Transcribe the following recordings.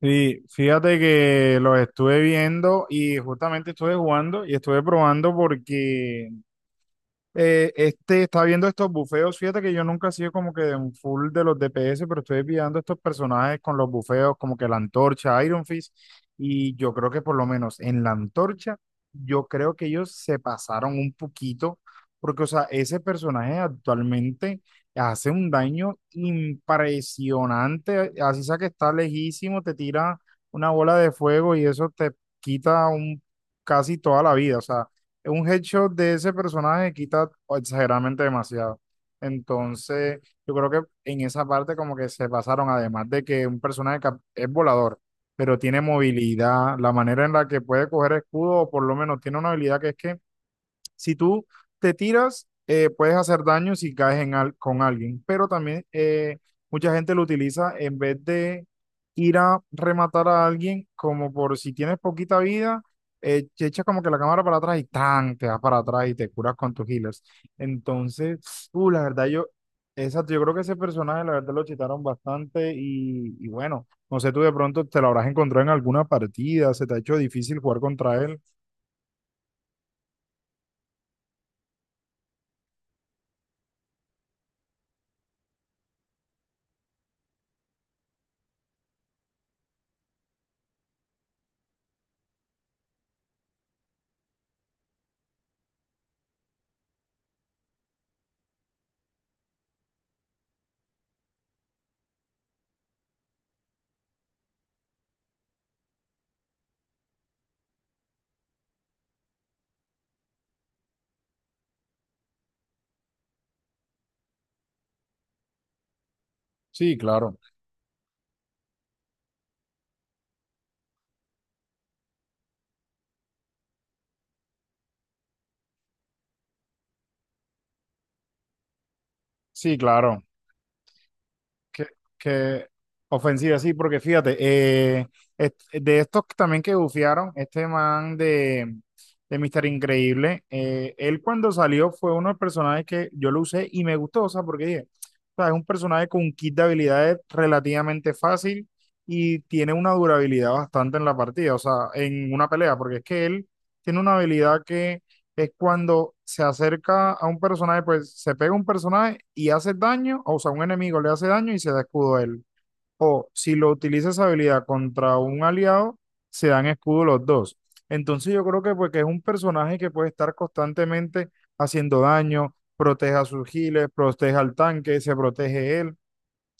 Sí, fíjate que los estuve viendo y justamente estuve jugando y estuve probando porque este está viendo estos bufeos. Fíjate que yo nunca he sido como que un full de los DPS, pero estoy viendo estos personajes con los bufeos, como que la antorcha, Iron Fist. Y yo creo que por lo menos en la antorcha, yo creo que ellos se pasaron un poquito, porque, o sea, ese personaje actualmente hace un daño impresionante. Así sea que está lejísimo, te tira una bola de fuego y eso te quita un, casi toda la vida. O sea, un headshot de ese personaje quita exageradamente demasiado. Entonces, yo creo que en esa parte como que se pasaron, además de que un es volador, pero tiene movilidad, la manera en la que puede coger escudo, o por lo menos tiene una habilidad que es que si tú te tiras, puedes hacer daño si caes con alguien, pero también mucha gente lo utiliza en vez de ir a rematar a alguien, como por si tienes poquita vida, te echas como que la cámara para atrás y tan, te vas para atrás y te curas con tus healers. Entonces, uh, la verdad, yo, exacto, yo creo que ese personaje, la verdad, lo chitaron bastante y bueno, no sé, tú de pronto te lo habrás encontrado en alguna partida, se te ha hecho difícil jugar contra él. Sí, claro. Sí, claro. Que, que ofensiva, sí, porque fíjate, de estos que también que bufiaron, este man de Mister Increíble, él cuando salió fue uno de los personajes que yo lo usé y me gustó, o sea, porque dije, o sea, es un personaje con un kit de habilidades relativamente fácil y tiene una durabilidad bastante en la partida, o sea, en una pelea, porque es que él tiene una habilidad que es cuando se acerca a un personaje, pues se pega a un personaje y hace daño, o sea, un enemigo le hace daño y se da escudo a él. O si lo utiliza esa habilidad contra un aliado, se dan escudo los dos. Entonces yo creo que pues que es un personaje que puede estar constantemente haciendo daño, protege a sus giles, protege al tanque, se protege él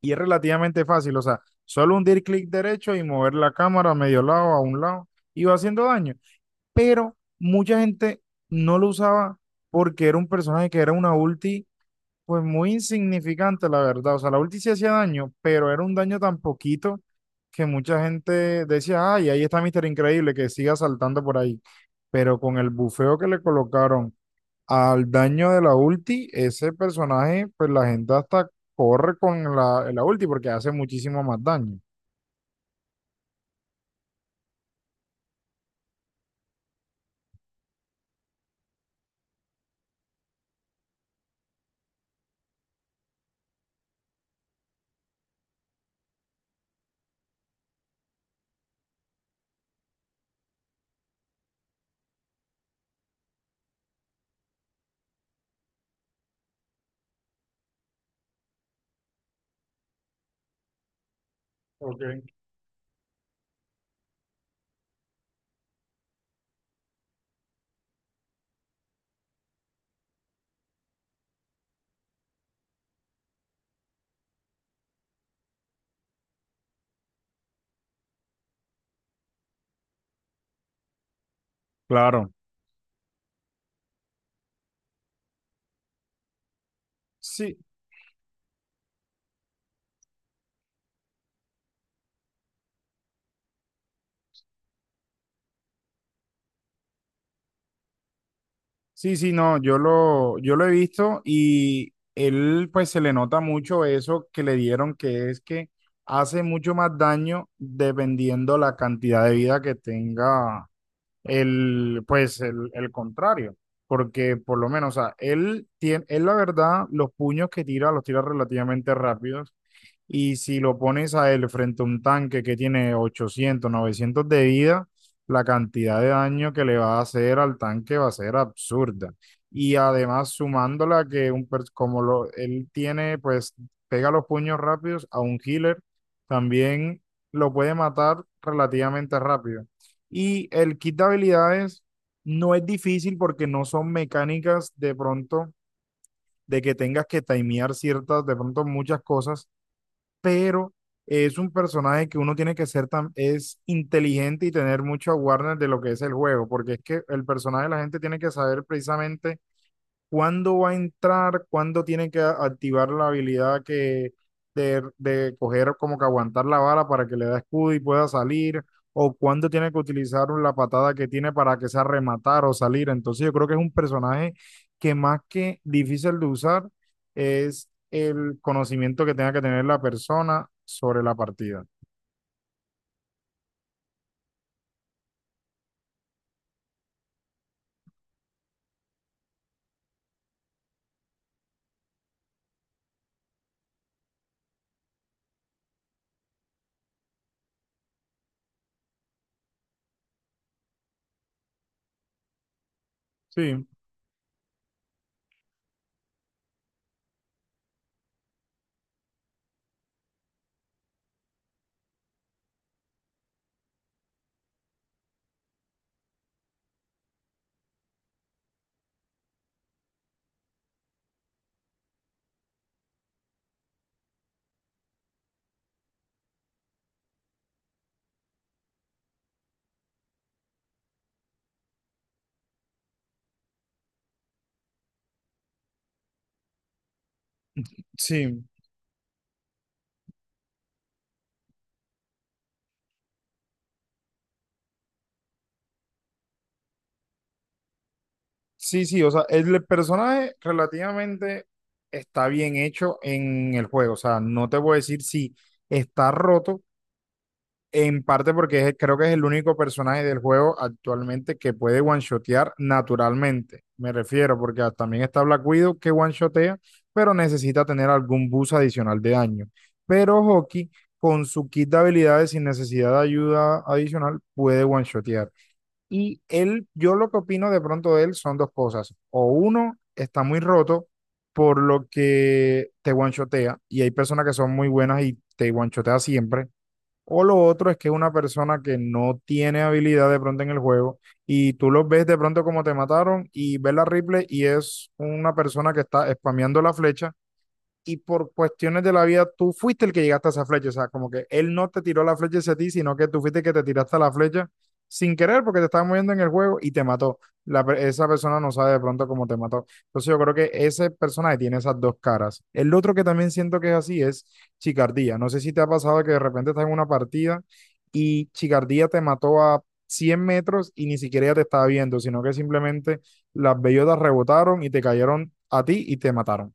y es relativamente fácil, o sea, solo hundir clic derecho y mover la cámara a medio lado, a un lado y va haciendo daño, pero mucha gente no lo usaba porque era un personaje que era una ulti, pues muy insignificante, la verdad. O sea, la ulti sí hacía daño, pero era un daño tan poquito que mucha gente decía, ay, ahí está Mister Increíble, que siga saltando por ahí. Pero con el bufeo que le colocaron al daño de la ulti, ese personaje, pues la gente hasta corre con la ulti porque hace muchísimo más daño. Ok. Claro. Sí. Sí, sí, no, yo lo he visto y él pues se le nota mucho eso que le dieron, que es que hace mucho más daño dependiendo la cantidad de vida que tenga el contrario, porque por lo menos, o sea, él tiene, él la verdad, los puños que tira los tira relativamente rápidos y si lo pones a él frente a un tanque que tiene 800 900 de vida, la cantidad de daño que le va a hacer al tanque va a ser absurda. Y además sumándola que un él tiene, pues pega los puños rápidos a un healer, también lo puede matar relativamente rápido. Y el kit de habilidades no es difícil porque no son mecánicas de pronto de que tengas que timear ciertas, de pronto muchas cosas, pero es un personaje que uno tiene que ser tan, es inteligente y tener mucho awareness de lo que es el juego, porque es que el personaje la gente tiene que saber precisamente cuándo va a entrar, cuándo tiene que activar la habilidad que de coger como que aguantar la bala para que le da escudo y pueda salir, o cuándo tiene que utilizar la patada que tiene para que sea rematar o salir. Entonces yo creo que es un personaje que más que difícil de usar es el conocimiento que tenga que tener la persona sobre la partida. Sí, sí. Sí, sí, o sea, el personaje relativamente está bien hecho en el juego. O sea, no te voy a decir si está roto, en parte porque creo que es el único personaje del juego actualmente que puede one-shotear naturalmente. Me refiero, porque también está Black Widow que one-shotea, pero necesita tener algún boost adicional de daño. Pero Hoki con su kit de habilidades sin necesidad de ayuda adicional, puede one-shotear. Él, yo lo que opino de pronto de él son dos cosas. O uno, está muy roto, por lo que te guanchotea, y hay personas que son muy buenas y te guanchotea siempre. O lo otro es que es una persona que no tiene habilidad de pronto en el juego y tú los ves de pronto como te mataron y ves la replay y es una persona que está spameando la flecha y por cuestiones de la vida tú fuiste el que llegaste a esa flecha, o sea, como que él no te tiró la flecha hacia ti, sino que tú fuiste el que te tiraste a la flecha sin querer porque te estabas moviendo en el juego y te mató. Esa persona no sabe de pronto cómo te mató. Entonces yo creo que ese personaje tiene esas dos caras. El otro que también siento que es así es Chicardía. No sé si te ha pasado que de repente estás en una partida y Chicardía te mató a 100 metros y ni siquiera ella te estaba viendo, sino que simplemente las bellotas rebotaron y te cayeron a ti y te mataron.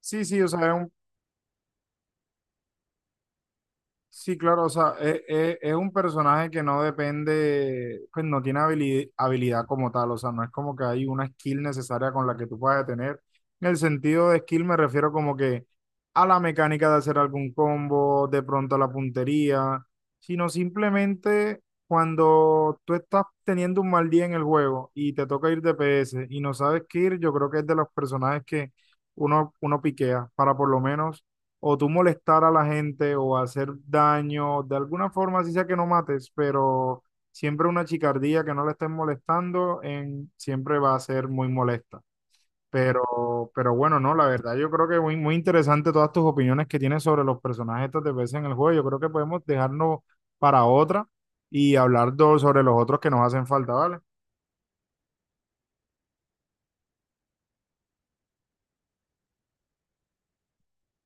Sí, sí, o sea, es un, sí, claro, o sea, es un personaje que no depende, pues no tiene habilidad, como tal, o sea, no es como que hay una skill necesaria con la que tú puedas tener. En el sentido de skill me refiero como que a la mecánica de hacer algún combo, de pronto a la puntería, sino simplemente cuando tú estás teniendo un mal día en el juego y te toca ir DPS y no sabes qué ir, yo creo que es de los personajes que uno piquea para por lo menos o tú molestar a la gente o hacer daño, de alguna forma, así sea que no mates, pero siempre una chicardía que no le estén molestando en, siempre va a ser muy molesta. Pero bueno, no, la verdad, yo creo que muy interesante todas tus opiniones que tienes sobre los personajes estos de veces en el juego. Yo creo que podemos dejarnos para otra y hablar sobre los otros que nos hacen falta, ¿vale?